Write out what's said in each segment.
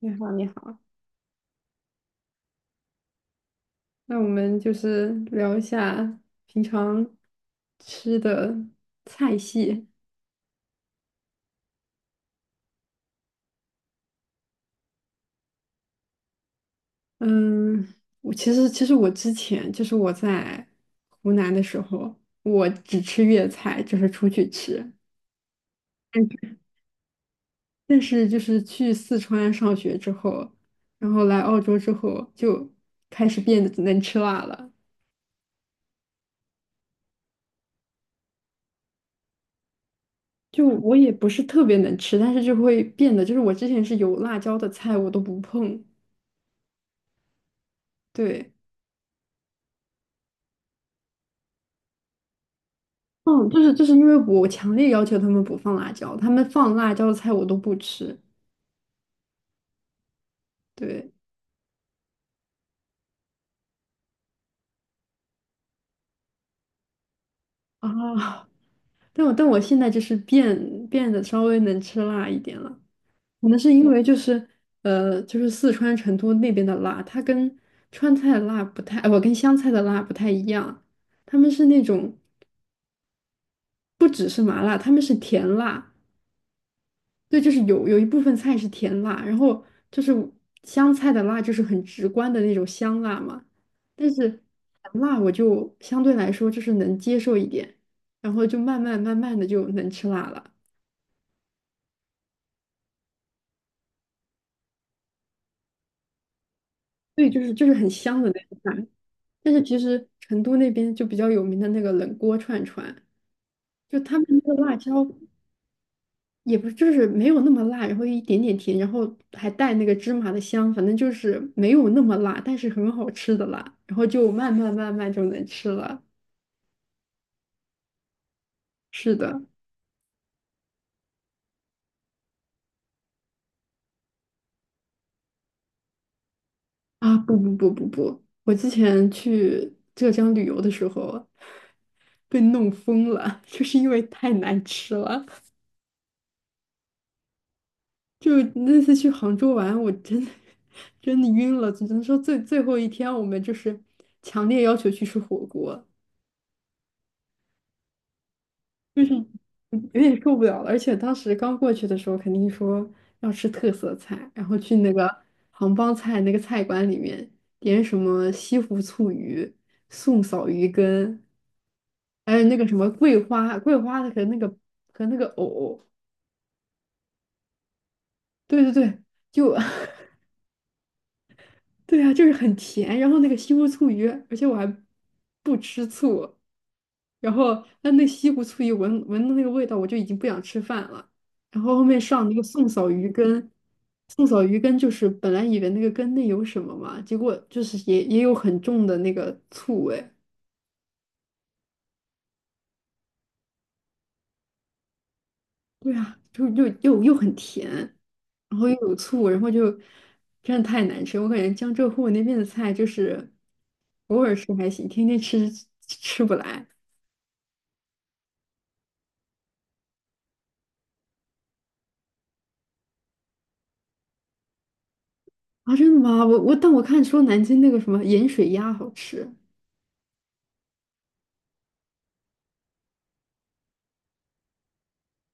你好，你好，那我们就是聊一下平常吃的菜系。嗯，我其实我之前就是我在湖南的时候，我只吃粤菜，就是出去吃。但但是就是去四川上学之后，然后来澳洲之后，就开始变得能吃辣了。就我也不是特别能吃，但是就会变得，就是我之前是有辣椒的菜我都不碰。对，嗯，就是因为我强烈要求他们不放辣椒，他们放辣椒的菜我都不吃。对啊，但我现在就是变得稍微能吃辣一点了，可能是因为就是就是四川成都那边的辣，它跟川菜的辣不太，我跟湘菜的辣不太一样，他们是那种不只是麻辣，他们是甜辣。对，就是有一部分菜是甜辣，然后就是香菜的辣就是很直观的那种香辣嘛，但是甜辣我就相对来说就是能接受一点，然后就慢慢慢慢的就能吃辣了。对，就是很香的那种辣。但是其实成都那边就比较有名的那个冷锅串串，就他们那个辣椒也不就是没有那么辣，然后一点点甜，然后还带那个芝麻的香，反正就是没有那么辣，但是很好吃的辣，然后就慢慢慢慢就能吃了。是的，啊，不不不不不，我之前去浙江旅游的时候被弄疯了，就是因为太难吃了。就那次去杭州玩，我真的 真的晕了，只能说最后一天我们就是强烈要求去吃火锅。就是有点受不了了，而且当时刚过去的时候，肯定说要吃特色菜，然后去那个杭帮菜那个菜馆里面点什么西湖醋鱼、宋嫂鱼羹，还有那个什么桂花和那个藕，对对对，就 对啊，就是很甜，然后那个西湖醋鱼，而且我还不吃醋，然后那西湖醋鱼闻的那个味道，我就已经不想吃饭了。然后后面上那个宋嫂鱼羹，宋嫂鱼羹就是本来以为那个羹内有什么嘛，结果就是也有很重的那个醋味，对啊，就又很甜，然后又有醋，然后就真的太难吃。我感觉江浙沪那边的菜就是偶尔吃还行，天天吃吃不来。啊，真的吗？但我看说南京那个什么盐水鸭好吃。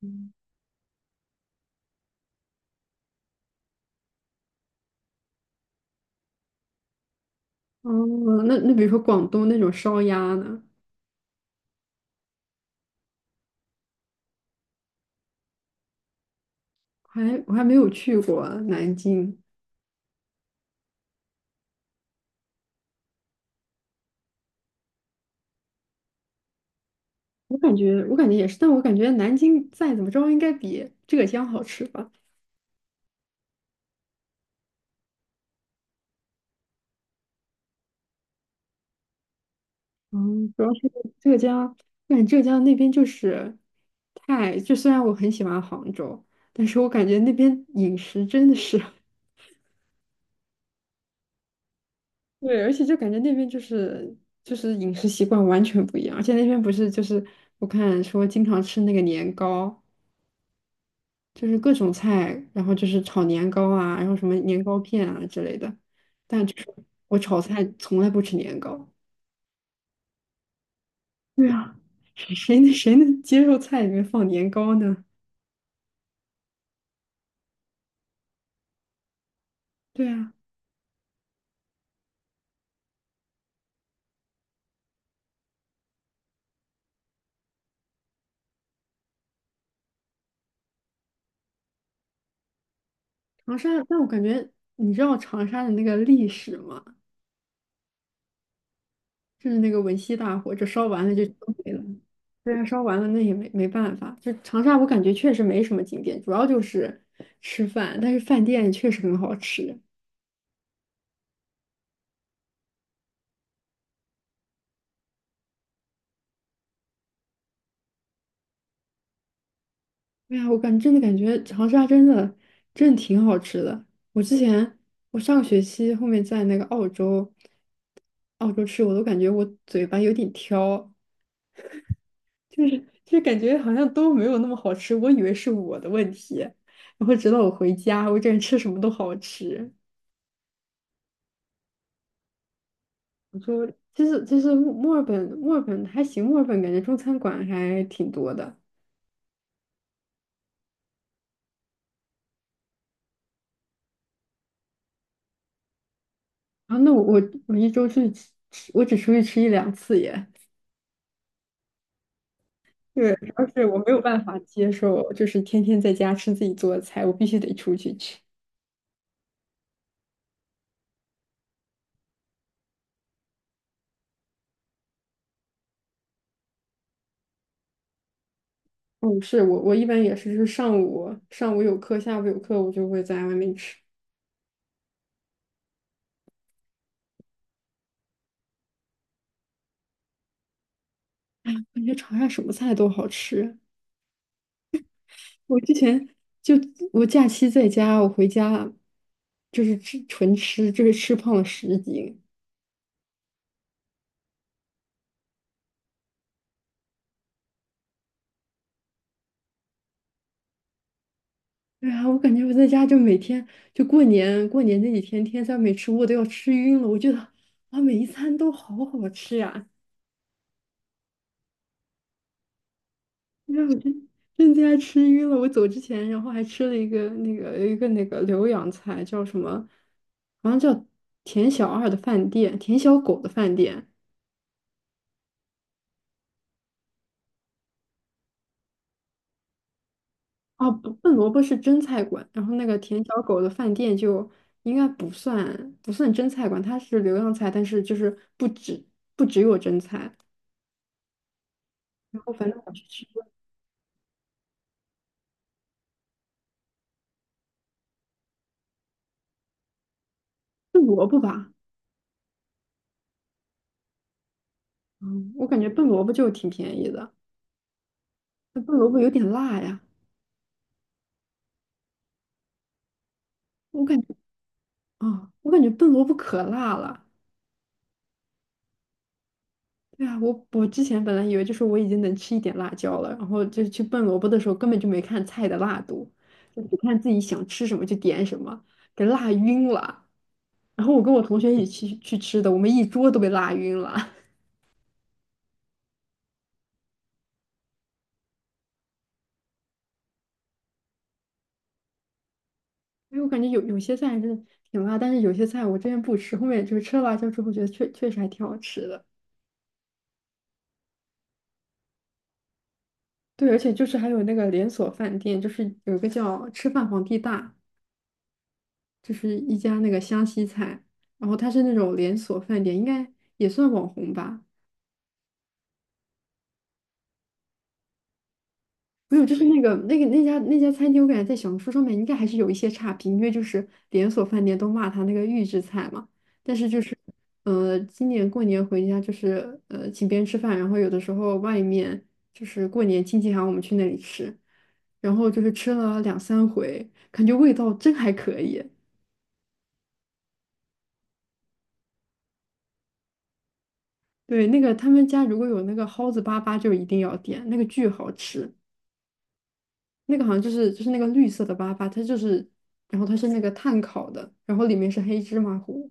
嗯，哦，那比如说广东那种烧鸭呢，我还没有去过南京，我感觉也是，但我感觉南京再怎么着应该比浙江好吃吧。嗯，主要是浙江，我感觉浙江那边就是太，就虽然我很喜欢杭州，但是我感觉那边饮食真的是 对，而且就感觉那边就是饮食习惯完全不一样，而且那边不是就是我看说经常吃那个年糕，就是各种菜，然后就是炒年糕啊，然后什么年糕片啊之类的。但就是我炒菜从来不吃年糕。对啊，谁能接受菜里面放年糕呢？对啊，长沙，但我感觉你知道长沙的那个历史吗？就是那个文夕大火，这烧完了就都没了。对啊，烧完了那也没办法。就长沙，我感觉确实没什么景点，主要就是吃饭，但是饭店确实很好吃。对呀，真的感觉长沙真的真的挺好吃的。我之前我上个学期后面在那个澳洲，澳洲吃我都感觉我嘴巴有点挑，就是就是感觉好像都没有那么好吃。我以为是我的问题，然后直到我回家，我感觉吃什么都好吃。我说，其实墨尔本还行，墨尔本感觉中餐馆还挺多的。然后那我一周去吃，我只出去吃一两次耶。对，主要是我没有办法接受，就是天天在家吃自己做的菜，我必须得出去吃。嗯，是我一般也是，就是上午有课，下午有课，我就会在外面吃。感觉长沙什么菜都好吃。我之前就我假期在家，我回家就是吃纯吃，就是吃胖了10斤。对啊，我感觉我在家就每天就过年那几天，天天没吃我都要吃晕了。我觉得啊，每一餐都好好吃呀、让我真的家吃晕了。我走之前，然后还吃了一个那个浏阳菜，叫什么？好像叫田小二的饭店，田小狗的饭店。哦，不，笨萝卜是蒸菜馆，然后那个田小狗的饭店就应该不算蒸菜馆，它是浏阳菜，但是就是不只有蒸菜。然后反正我去吃。笨萝卜吧，嗯，我感觉笨萝卜就挺便宜的，那笨萝卜有点辣呀，我感觉我感觉笨萝卜可辣了。对啊，我之前本来以为就是我已经能吃一点辣椒了，然后就去笨萝卜的时候根本就没看菜的辣度，就只看自己想吃什么就点什么，给辣晕了。然后我跟我同学一起去吃的，我们一桌都被辣晕了。因为我感觉有些菜真的挺辣，但是有些菜我之前不吃，后面就是吃了辣椒之后觉得确实还挺好吃的。对，而且就是还有那个连锁饭店，就是有一个叫"吃饭皇帝大"，就是一家那个湘西菜，然后它是那种连锁饭店，应该也算网红吧。没有，就是那家餐厅，我感觉在小红书上面应该还是有一些差评，因为就是连锁饭店都骂他那个预制菜嘛。但是就是，今年过年回家就是请别人吃饭，然后有的时候外面就是过年亲戚喊我们去那里吃，然后就是吃了两三回，感觉味道真还可以。对，那个他们家如果有那个蒿子粑粑，就一定要点，那个巨好吃。那个好像就是那个绿色的粑粑，它就是，然后它是那个炭烤的，然后里面是黑芝麻糊。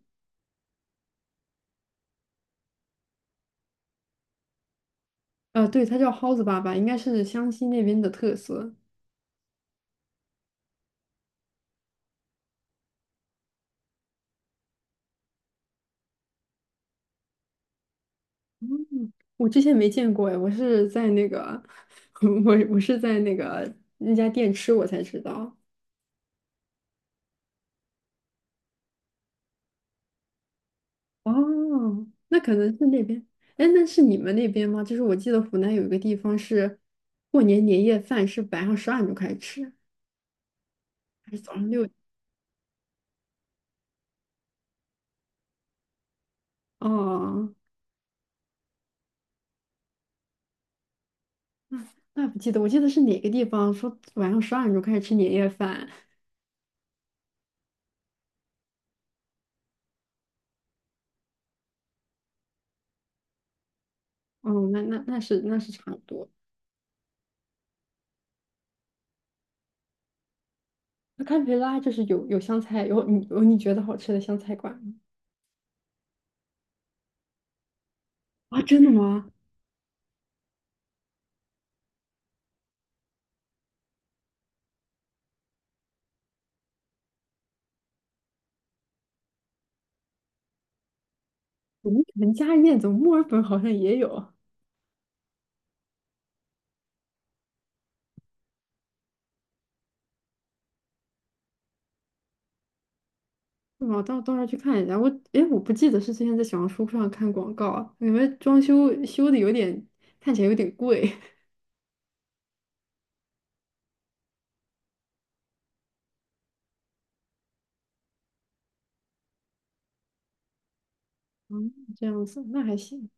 呃，对，它叫蒿子粑粑，应该是湘西那边的特色。我之前没见过哎，我是在那个，我是在那个那家店吃我才知道。哦，那可能是那边。哎，那是你们那边吗？就是我记得湖南有一个地方是过年年夜饭是晚上十二点就开始吃。还是早上六。哦，那不记得，我记得是哪个地方说晚上十二点钟开始吃年夜饭。哦，那那是差不多。那堪培拉就是有湘菜，有你觉得好吃的湘菜馆吗？啊，真的吗？我们家宴怎么墨尔本好像也有，是吗？到时候去看一下。哎，我不记得是之前在小红书上看广告，啊，感觉装修的有点看起来有点贵。嗯，这样子那还行。